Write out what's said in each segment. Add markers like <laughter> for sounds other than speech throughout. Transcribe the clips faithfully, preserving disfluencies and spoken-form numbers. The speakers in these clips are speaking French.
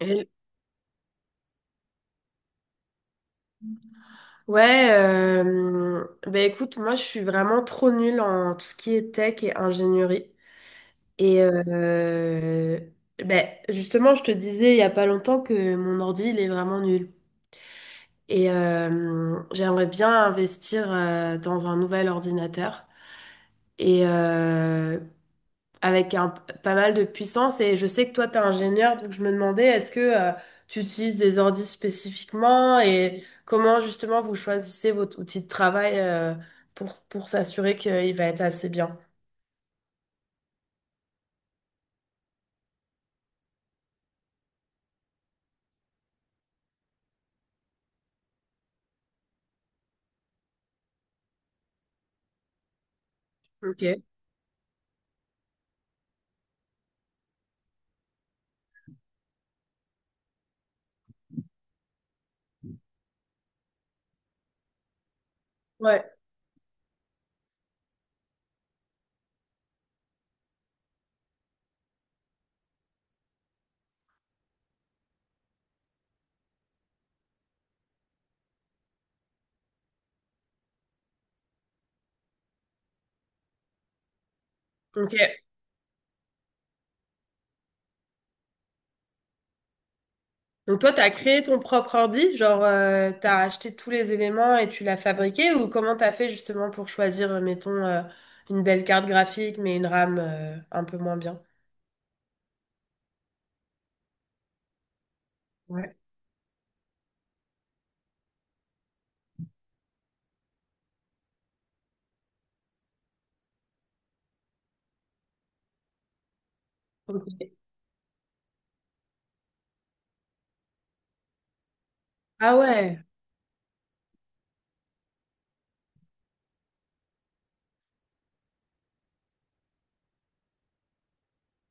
Elle- Ouais, euh, bah écoute, moi je suis vraiment trop nulle en tout ce qui est tech et ingénierie. Et euh, bah, justement, je te disais il y a pas longtemps que mon ordi, il est vraiment nul. Et euh, j'aimerais bien investir euh, dans un nouvel ordinateur. Et euh, avec un, pas mal de puissance. Et je sais que toi, tu es ingénieur, donc je me demandais, est-ce que euh, tu utilises des ordis spécifiquement et comment justement vous choisissez votre outil de travail euh, pour, pour s'assurer qu'il va être assez bien? Ok. Ouais, ok. Donc toi, tu as créé ton propre ordi, genre euh, tu as acheté tous les éléments et tu l'as fabriqué ou comment tu as fait justement pour choisir, euh, mettons, euh, une belle carte graphique mais une RAM euh, un peu moins bien? Ouais. Ok. Ah ouais,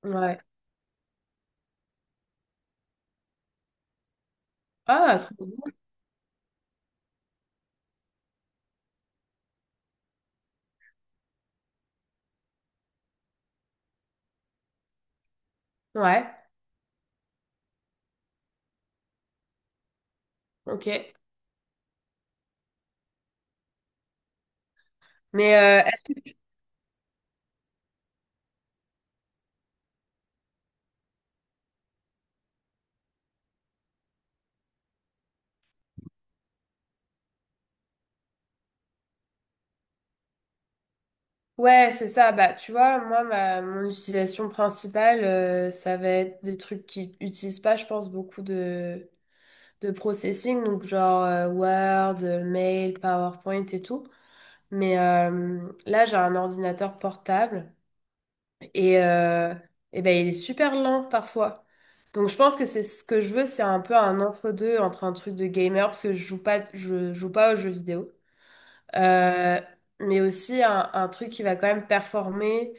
ouais. Ah, trop. Ouais, ok. Mais euh, est-ce que tu- ouais, c'est ça. Bah, tu vois, moi, ma, mon utilisation principale, euh, ça va être des trucs qui utilisent pas, je pense, beaucoup de, de processing, donc genre euh, Word, euh, Mail, PowerPoint et tout. Mais euh, là, j'ai un ordinateur portable et, euh, et ben, il est super lent parfois. Donc, je pense que c'est ce que je veux, c'est un peu un entre-deux entre un truc de gamer parce que je joue pas, je joue pas aux jeux vidéo. Euh, mais aussi un, un truc qui va quand même performer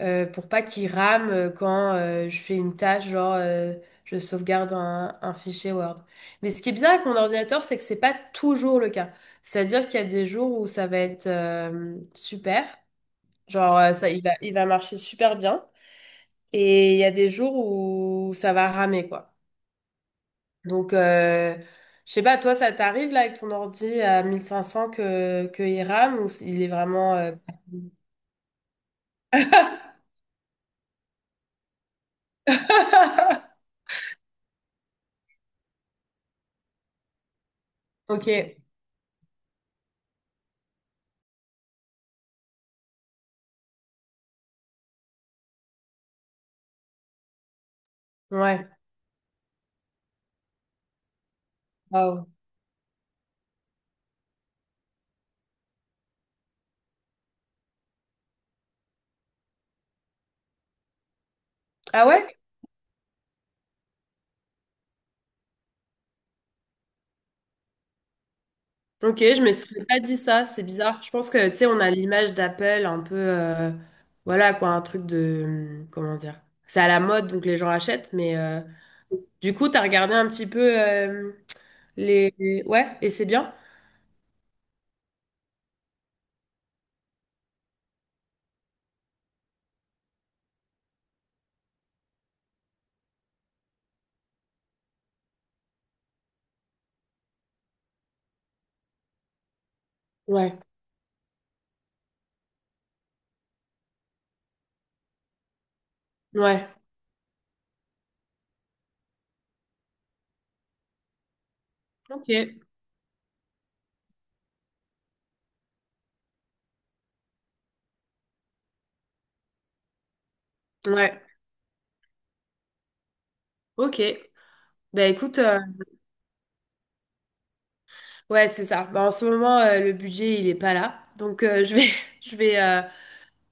euh, pour pas qu'il rame euh, quand euh, je fais une tâche, genre euh, je sauvegarde un, un fichier Word. Mais ce qui est bien avec mon ordinateur, c'est que c'est pas toujours le cas. C'est-à-dire qu'il y a des jours où ça va être euh, super, genre euh, ça, il va, il va marcher super bien, et il y a des jours où ça va ramer, quoi. Donc, euh, je sais pas, toi, ça t'arrive là avec ton ordi à mille cinq cents que, que il rame ou il est vraiment... euh, <laughs> Ok, ouais. Wow. Ah ouais? Ok, je me serais pas dit ça, c'est bizarre. Je pense que, tu sais, on a l'image d'Apple un peu, euh, voilà quoi, un truc de, hum, comment dire, c'est à la mode, donc les gens achètent, mais euh, du coup, t'as regardé un petit peu euh, les... les- Ouais, et c'est bien? Ouais, ouais, ok, ouais, ok. Bah écoute, euh, ouais, c'est ça. Bah, en ce moment, euh, le budget, il est pas là, donc euh, je vais, <laughs> je vais, euh,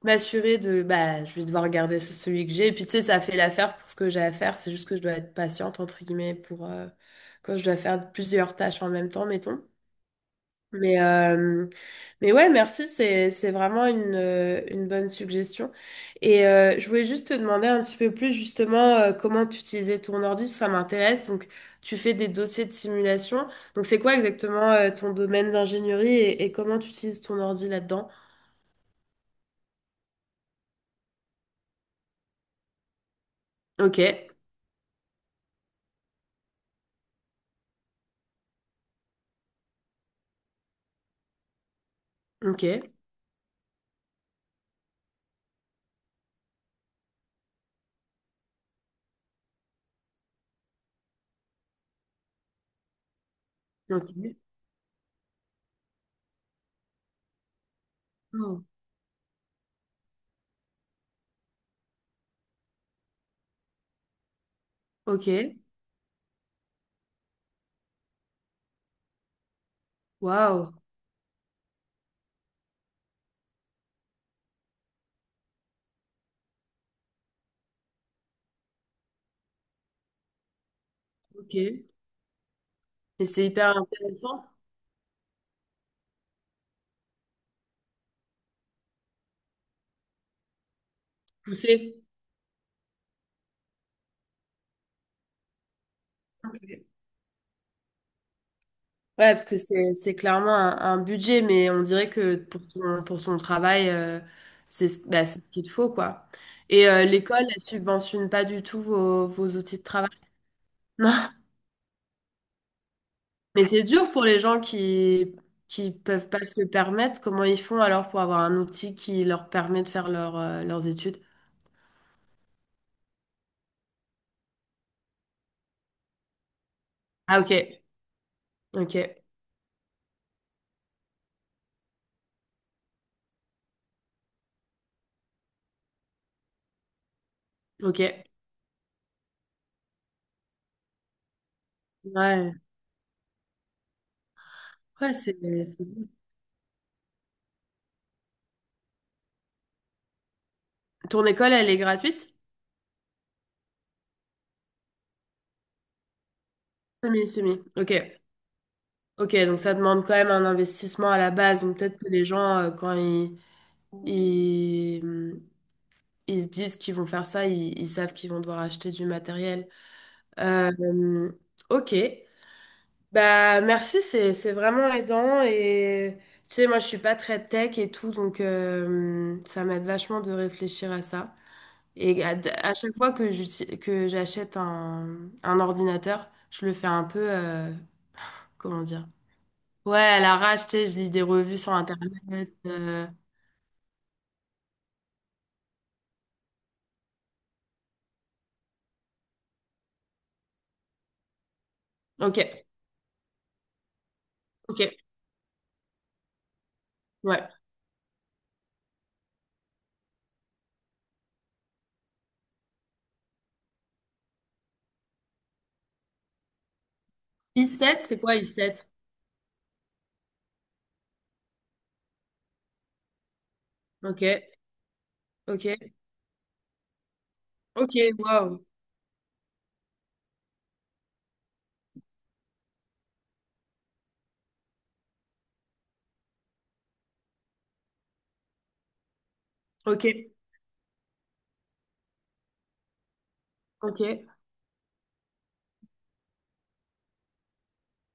m'assurer de, bah, je vais devoir regarder ce- celui que j'ai. Et puis, tu sais, ça fait l'affaire pour ce que j'ai à faire. C'est juste que je dois être patiente, entre guillemets, pour euh, quand je dois faire plusieurs tâches en même temps, mettons. Mais, euh, mais ouais, merci, c'est, c'est vraiment une, euh, une bonne suggestion. Et euh, je voulais juste te demander un petit peu plus justement euh, comment tu utilisais ton ordi, ça m'intéresse. Donc, tu fais des dossiers de simulation. Donc, c'est quoi exactement euh, ton domaine d'ingénierie et, et comment tu utilises ton ordi là-dedans? Ok, ok. Ok. Oh, ok. Waouh. Ok. Et c'est hyper intéressant. Poussé. Ok. Ouais, parce que c'est c'est clairement un, un budget, mais on dirait que pour ton, pour ton travail, euh, c'est ce- bah, c'est ce qu'il te faut, quoi. Et euh, l'école, elle subventionne pas du tout vos, vos outils de travail. <laughs> Non. Mais c'est dur pour les gens qui qui peuvent pas se le permettre. Comment ils font alors pour avoir un outil qui leur permet de faire leur, euh, leurs études? Ah, ok. Ok. Ok. Ouais. Ouais, c'est... c'est Ton école, elle est gratuite? Semi, semi. Ok. Ok, donc ça demande quand même un investissement à la base. Donc peut-être que les gens, euh, quand ils, ils, hum, ils se disent qu'ils vont faire ça, ils, ils savent qu'ils vont devoir acheter du matériel. Euh, hum, ok. Bah merci, c'est, c'est vraiment aidant. Et tu sais, moi, je suis pas très tech et tout, donc euh, ça m'aide vachement de réfléchir à ça. Et à, à chaque fois que j'uti- que j'achète un, un ordinateur, je le fais un peu, euh, comment dire? Ouais, à l'arrache, tu sais, je lis des revues sur Internet. Euh, Ok, ok, ouais. I sept, c'est quoi I sept? Ok, ok, ok, wow. Ok, ok,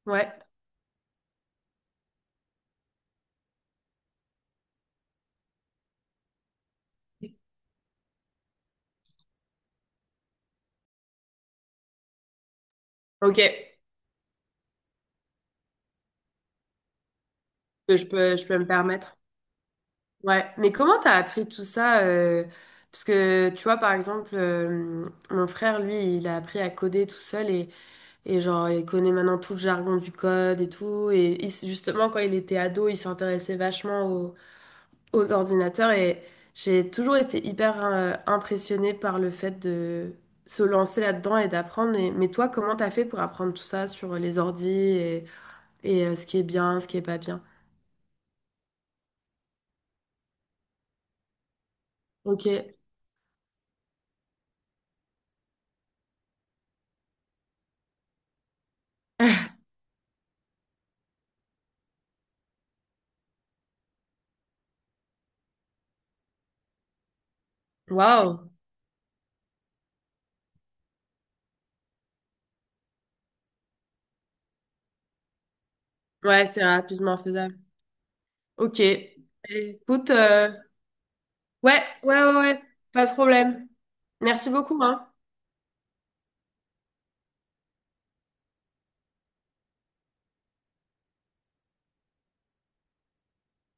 ouais, ok, que je peux, je peux me permettre. Ouais, mais comment t'as appris tout ça? Euh, Parce que, tu vois, par exemple, euh, mon frère, lui, il a appris à coder tout seul et, et genre, il connaît maintenant tout le jargon du code et tout. Et il- s- justement, quand il était ado, il s'intéressait vachement aux ordinateurs et j'ai toujours été hyper euh, impressionnée par le fait de se lancer là-dedans et d'apprendre. Et- Mais toi, comment t'as fait pour apprendre tout ça sur les ordis et, et, euh, ce qui est bien, ce qui est pas bien? Ok. <laughs> Waouh. Ouais, c'est rapidement faisable. Ok. Écoute, euh, ouais, ouais, ouais, ouais, pas de problème. Merci beaucoup, hein.